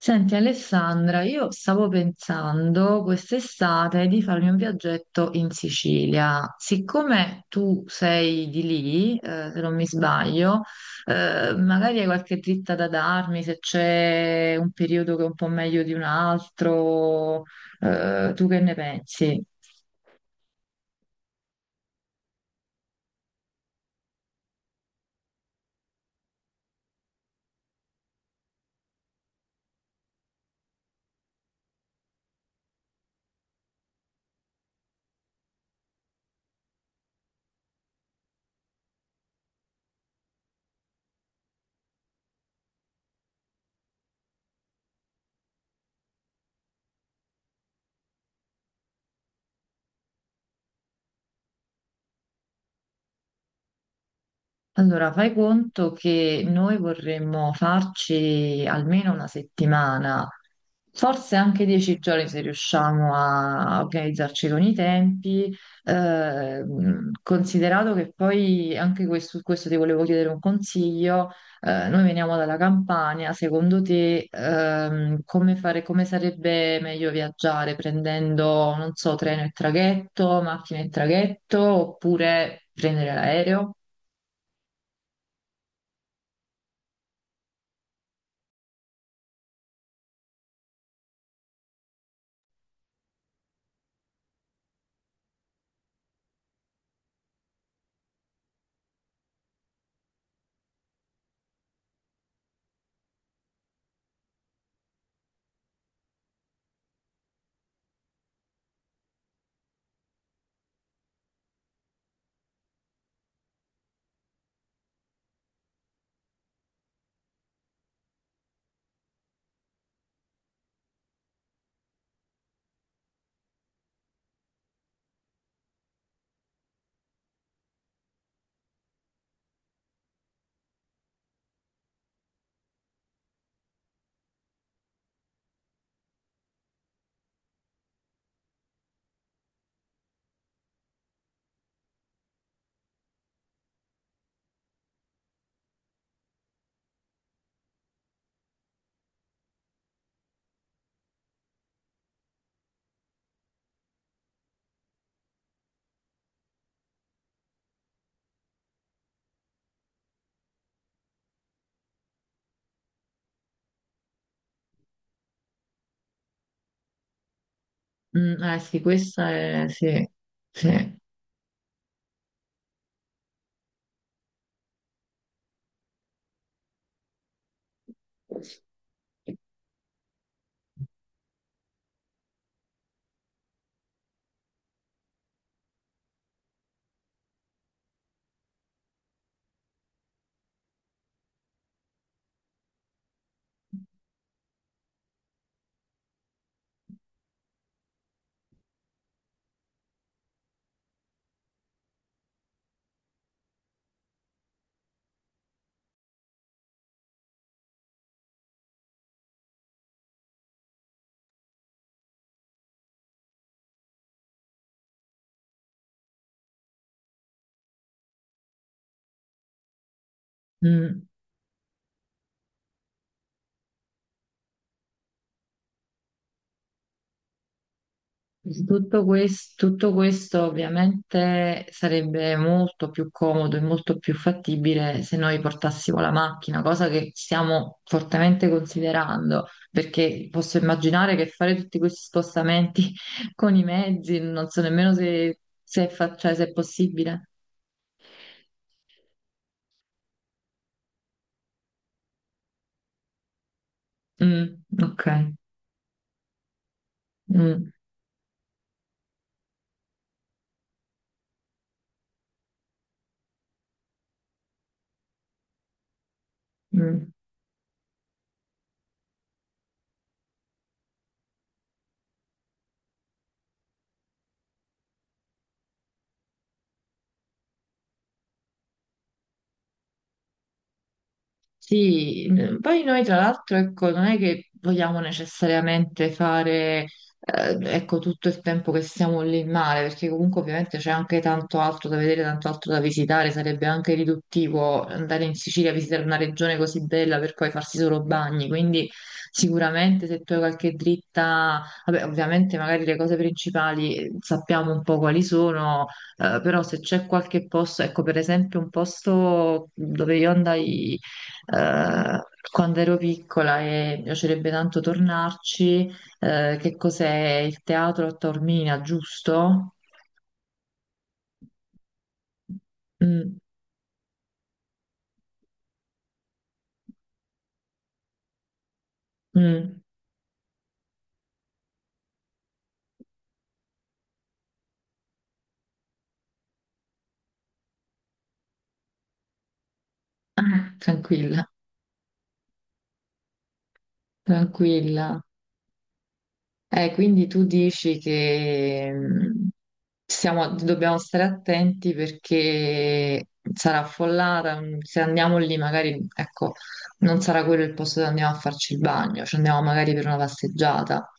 Senti Alessandra, io stavo pensando quest'estate di farmi un viaggetto in Sicilia. Siccome tu sei di lì, se non mi sbaglio, magari hai qualche dritta da darmi se c'è un periodo che è un po' meglio di un altro, tu che ne pensi? Allora, fai conto che noi vorremmo farci almeno una settimana, forse anche 10 giorni se riusciamo a organizzarci con i tempi. Eh, Considerato che poi anche questo, su questo ti volevo chiedere un consiglio. Noi veniamo dalla Campania, secondo te, come fare, come sarebbe meglio viaggiare prendendo, non so, treno e traghetto, macchina e traghetto oppure prendere l'aereo? Mm, eh sì, Sì, sì. Mm. Tutto questo ovviamente sarebbe molto più comodo e molto più fattibile se noi portassimo la macchina, cosa che stiamo fortemente considerando, perché posso immaginare che fare tutti questi spostamenti con i mezzi, non so nemmeno se, cioè, se è possibile. Mm, ok. Mm, mm. Sì, mm, poi noi tra l'altro, ecco, non è che vogliamo necessariamente fare, ecco, tutto il tempo che stiamo lì in mare, perché comunque ovviamente c'è anche tanto altro da vedere, tanto altro da visitare, sarebbe anche riduttivo andare in Sicilia a visitare una regione così bella per poi farsi solo bagni, quindi sicuramente se tu hai qualche dritta, vabbè, ovviamente magari le cose principali sappiamo un po' quali sono. Però se c'è qualche posto, ecco per esempio un posto dove io andai eh, quando ero piccola e mi piacerebbe tanto tornarci, che cos'è il teatro a Taormina, giusto? Mm, mm. Ah, tranquilla, tranquilla. Quindi tu dici che dobbiamo stare attenti perché sarà affollata, se andiamo lì magari, ecco, non sarà quello il posto dove andiamo a farci il bagno, ci andiamo magari per una passeggiata.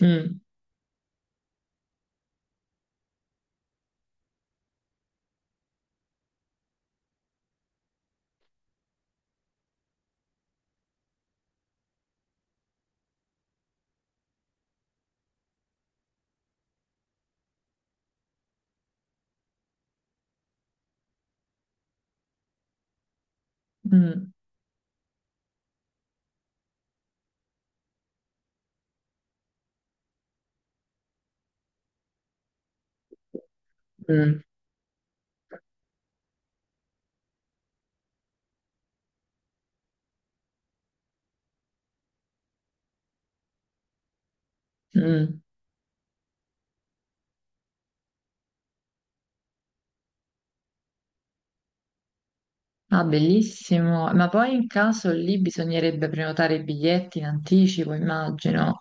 Mm. Mm, mm, mm. Ah, bellissimo. Ma poi in caso lì bisognerebbe prenotare i biglietti in anticipo, immagino.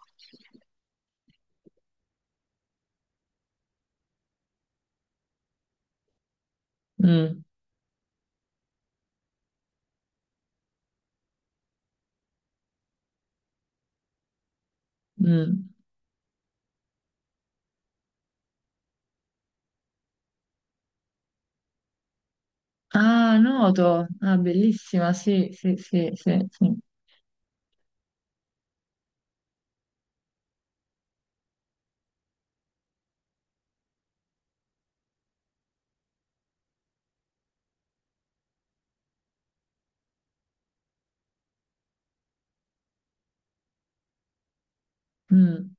Mm, mm. Ah, Noto. Ah, bellissima, sì, sì, sì, sì, sì. Mm,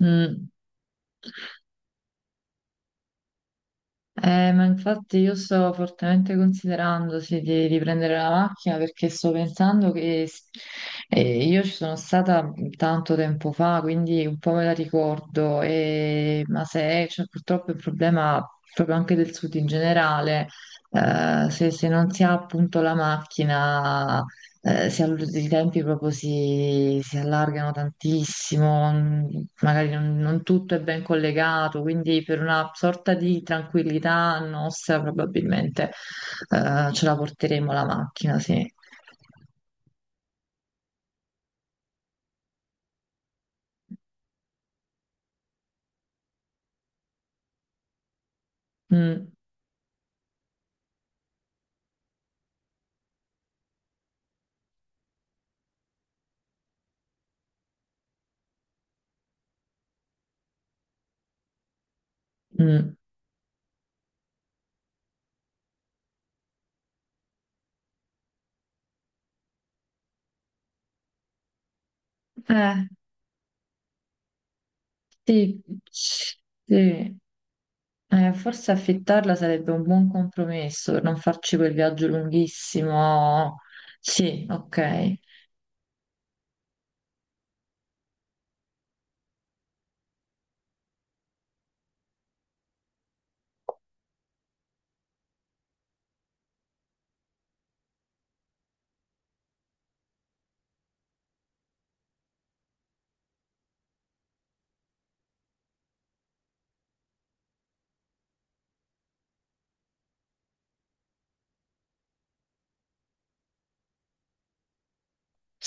mm. Ma infatti io sto fortemente considerando sì, di prendere la macchina perché sto pensando che io ci sono stata tanto tempo fa, quindi un po' me la ricordo, ma se c'è purtroppo il problema proprio anche del sud in generale, se non si ha appunto la macchina i tempi proprio si allargano tantissimo, magari non tutto è ben collegato, quindi per una sorta di tranquillità nostra probabilmente ce la porteremo la macchina, sì. Mm, mm. Eh, sì, sì. Forse affittarla sarebbe un buon compromesso per non farci quel viaggio lunghissimo. Sì, ok.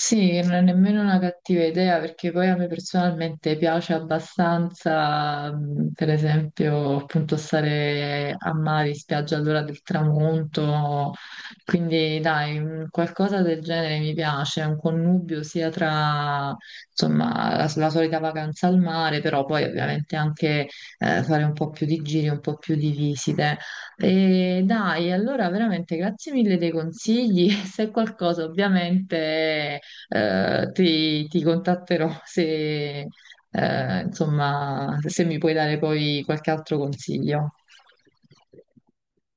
Sì, non è nemmeno una cattiva idea perché poi a me personalmente piace abbastanza, per esempio, appunto stare a mare, in spiaggia all'ora del tramonto, quindi dai, qualcosa del genere mi piace, un connubio sia tra, insomma, la solita vacanza al mare, però poi ovviamente anche fare un po' più di giri, un po' più di visite. E dai, allora veramente grazie mille dei consigli. Se qualcosa ovviamente ti contatterò se, insomma, se mi puoi dare poi qualche altro consiglio.